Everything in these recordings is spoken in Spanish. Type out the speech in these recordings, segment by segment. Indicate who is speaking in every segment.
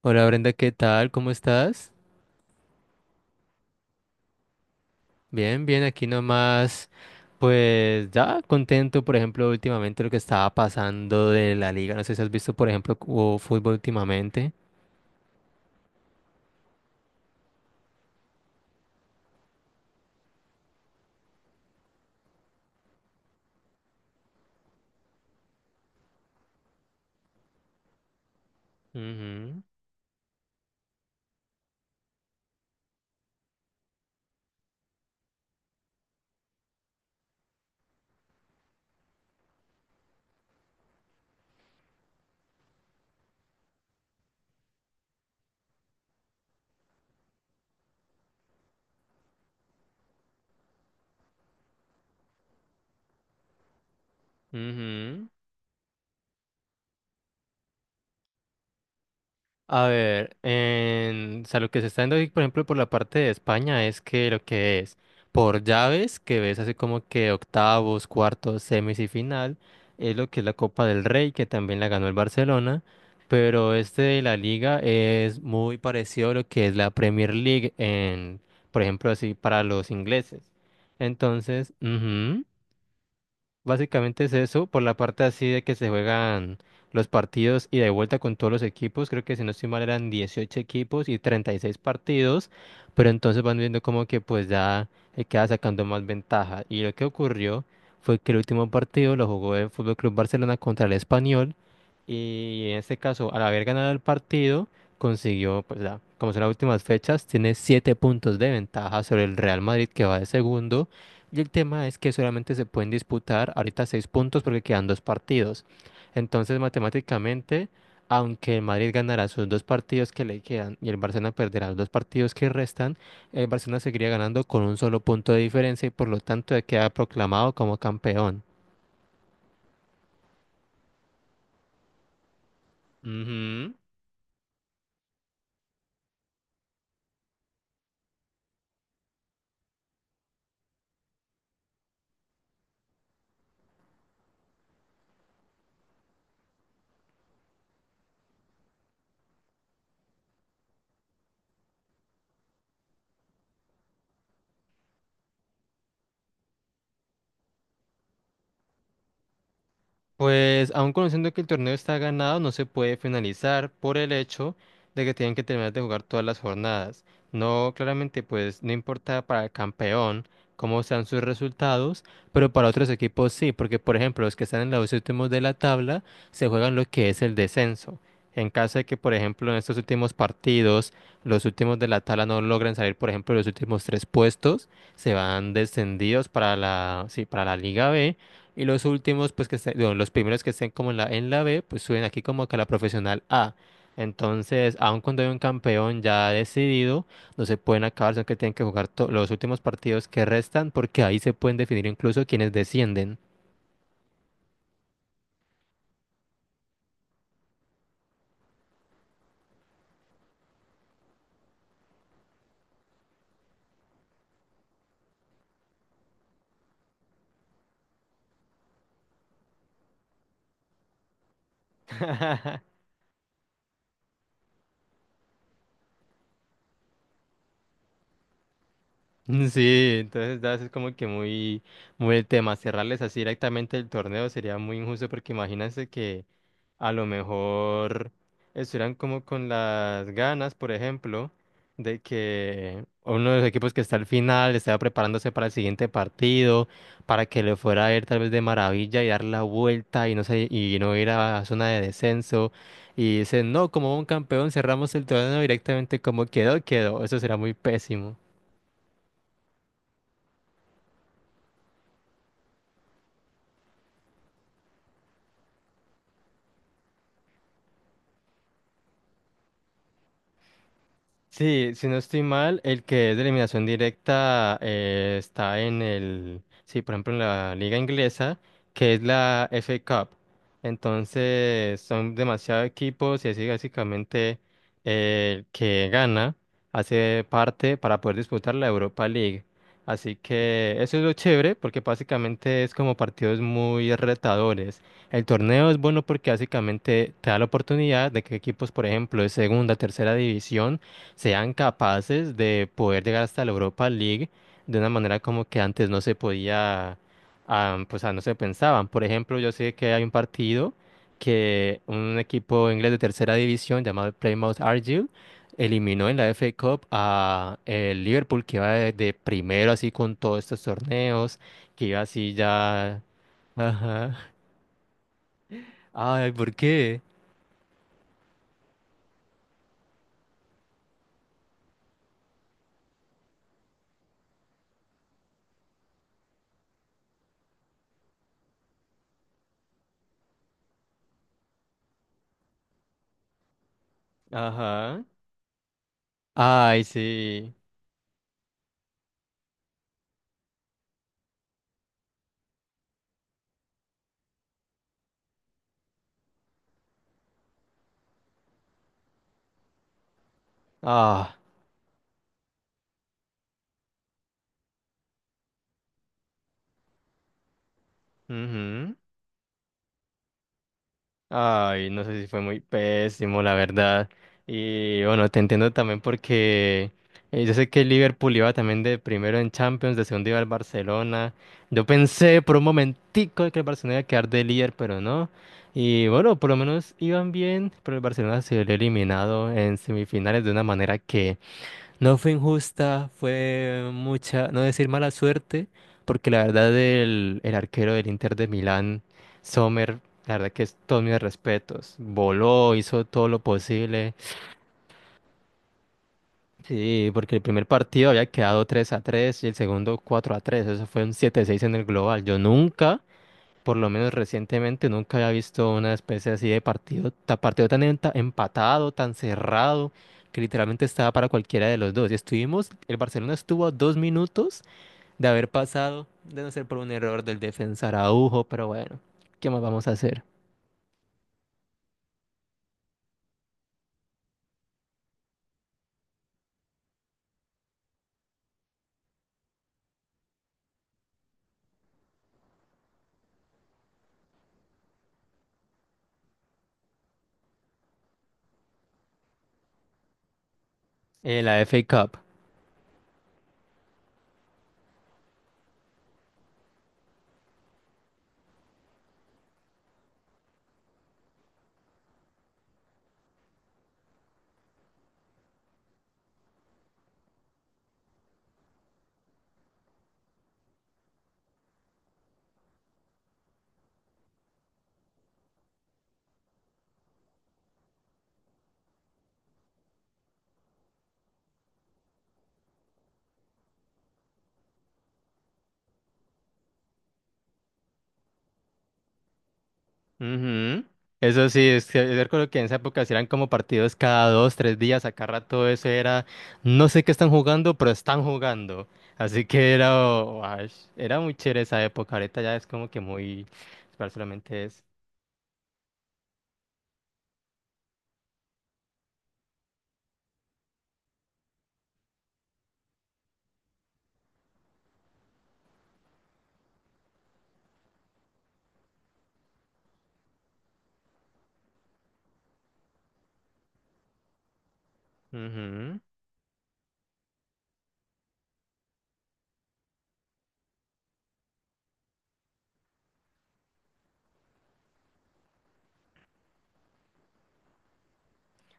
Speaker 1: Hola Brenda, ¿qué tal? ¿Cómo estás? Bien, bien, aquí nomás, pues ya contento, por ejemplo, últimamente lo que estaba pasando de la liga, no sé si has visto, por ejemplo, hubo fútbol últimamente. Ujú, ujú. A ver, o sea, lo que se está viendo ahí, por ejemplo, por la parte de España es que lo que es por llaves, que ves así como que octavos, cuartos, semis y final, es lo que es la Copa del Rey, que también la ganó el Barcelona, pero este de la Liga es muy parecido a lo que es la Premier League en, por ejemplo, así para los ingleses. Entonces, ujú. Básicamente es eso, por la parte así de que se juegan los partidos y de vuelta con todos los equipos, creo que si no estoy mal eran 18 equipos y 36 partidos, pero entonces van viendo como que pues ya queda sacando más ventaja. Y lo que ocurrió fue que el último partido lo jugó el Fútbol Club Barcelona contra el Español y en este caso al haber ganado el partido consiguió pues ya, como son las últimas fechas, tiene 7 puntos de ventaja sobre el Real Madrid que va de segundo y el tema es que solamente se pueden disputar ahorita 6 puntos porque quedan dos partidos. Entonces, matemáticamente, aunque el Madrid ganará sus dos partidos que le quedan y el Barcelona perderá los dos partidos que restan, el Barcelona seguiría ganando con un solo punto de diferencia y por lo tanto ya queda proclamado como campeón. Ujú. Pues aun conociendo que el torneo está ganado, no se puede finalizar por el hecho de que tienen que terminar de jugar todas las jornadas. No, claramente, pues no importa para el campeón cómo sean sus resultados, pero para otros equipos sí, porque por ejemplo los que están en los últimos de la tabla se juegan lo que es el descenso. En caso de que, por ejemplo, en estos últimos partidos, los últimos de la tabla no logren salir, por ejemplo, de los últimos tres puestos, se van descendidos para la, sí, para la Liga B y los últimos, pues que estén, bueno, los primeros que estén como en la B, pues suben aquí como que a la profesional A. Entonces, aun cuando hay un campeón ya decidido, no se pueden acabar, sino que tienen que jugar los últimos partidos que restan, porque ahí se pueden definir incluso quienes descienden. Sí, entonces das es como que muy, muy el tema. Cerrarles así directamente el torneo sería muy injusto porque imagínense que a lo mejor estuvieran como con las ganas, por ejemplo, de que uno de los equipos que está al final estaba preparándose para el siguiente partido, para que le fuera a ir tal vez de maravilla y dar la vuelta y no sé, y no ir a zona de descenso. Y dicen, no, como un campeón cerramos el torneo directamente como quedó, quedó. Eso será muy pésimo. Sí, si no estoy mal, el que es de eliminación directa está en el, sí, por ejemplo, en la liga inglesa, que es la FA Cup. Entonces, son demasiados equipos y así básicamente el que gana hace parte para poder disputar la Europa League. Así que eso es lo chévere porque básicamente es como partidos muy retadores. El torneo es bueno porque básicamente te da la oportunidad de que equipos, por ejemplo, de segunda, tercera división, sean capaces de poder llegar hasta la Europa League de una manera como que antes no se podía, ah, pues ah, no se pensaban. Por ejemplo, yo sé que hay un partido que un equipo inglés de tercera división llamado el Plymouth Argyle eliminó en la FA Cup a el Liverpool que iba de, primero así con todos estos torneos, que iba así... ya... Ajá. Ay, ¿por qué? Ajá. Ay, sí. Ah. Ay, no sé si fue muy pésimo, la verdad. Y bueno, te entiendo también porque yo sé que el Liverpool iba también de primero en Champions, de segundo iba el Barcelona. Yo pensé por un momentico que el Barcelona iba a quedar de líder, pero no. Y bueno, por lo menos iban bien, pero el Barcelona se había eliminado en semifinales de una manera que no fue injusta, fue mucha, no decir mala suerte, porque la verdad el arquero del Inter de Milán, Sommer, la verdad que es todos mis respetos. Voló, hizo todo lo posible. Sí, porque el primer partido había quedado 3-3 y el segundo 4-3. Eso fue un 7-6 en el global. Yo nunca por lo menos recientemente, nunca había visto una especie así de partido, partido tan empatado, tan cerrado, que literalmente estaba para cualquiera de los dos. Y estuvimos, el Barcelona estuvo a 2 minutos de haber pasado, de no ser por un error del defensa Araujo, pero bueno, ¿qué más vamos a hacer? La FA Cup. Ujú. Eso sí, es que yo recuerdo que en esa época sí eran como partidos cada dos, tres días, acá rato eso era, no sé qué están jugando, pero están jugando. Así que era, guash, era muy chévere esa época, ahorita ya es como que muy, solamente es.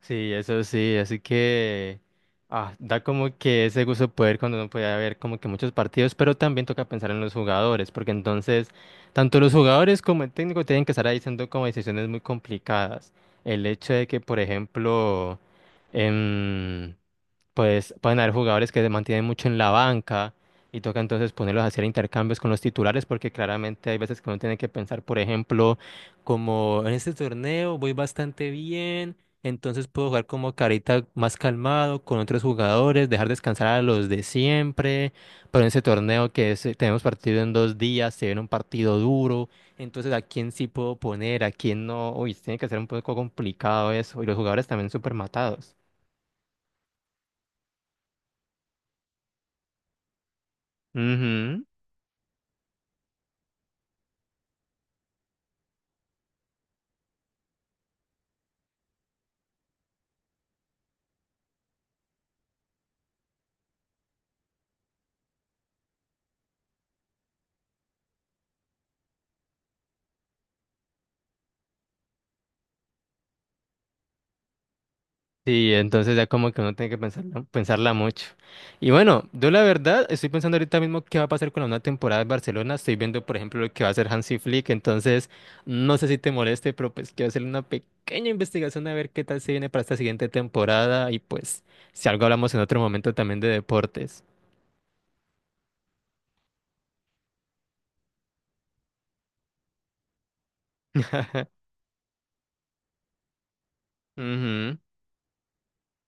Speaker 1: Sí, eso sí, así que ah, da como que ese gusto de poder cuando uno puede ver como que muchos partidos, pero también toca pensar en los jugadores, porque entonces tanto los jugadores como el técnico tienen que estar ahí haciendo como decisiones muy complicadas. El hecho de que, por ejemplo, em, pues pueden haber jugadores que se mantienen mucho en la banca y toca entonces ponerlos a hacer intercambios con los titulares porque claramente hay veces que uno tiene que pensar, por ejemplo, como en este torneo voy bastante bien, entonces puedo jugar como carita más calmado con otros jugadores, dejar descansar a los de siempre, pero en ese torneo que es, tenemos partido en 2 días, se viene un partido duro, entonces a quién sí puedo poner, a quién no, uy, tiene que ser un poco complicado eso, y los jugadores también súper matados. Sí, entonces ya como que uno tiene que pensarla, pensarla mucho. Y bueno, yo la verdad estoy pensando ahorita mismo qué va a pasar con la nueva temporada de Barcelona. Estoy viendo, por ejemplo, lo que va a hacer Hansi Flick. Entonces, no sé si te moleste, pero pues quiero hacer una pequeña investigación a ver qué tal se viene para esta siguiente temporada. Y pues, si algo hablamos en otro momento también de deportes. Ujú.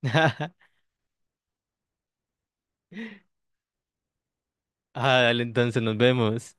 Speaker 1: Ah, dale, entonces nos vemos.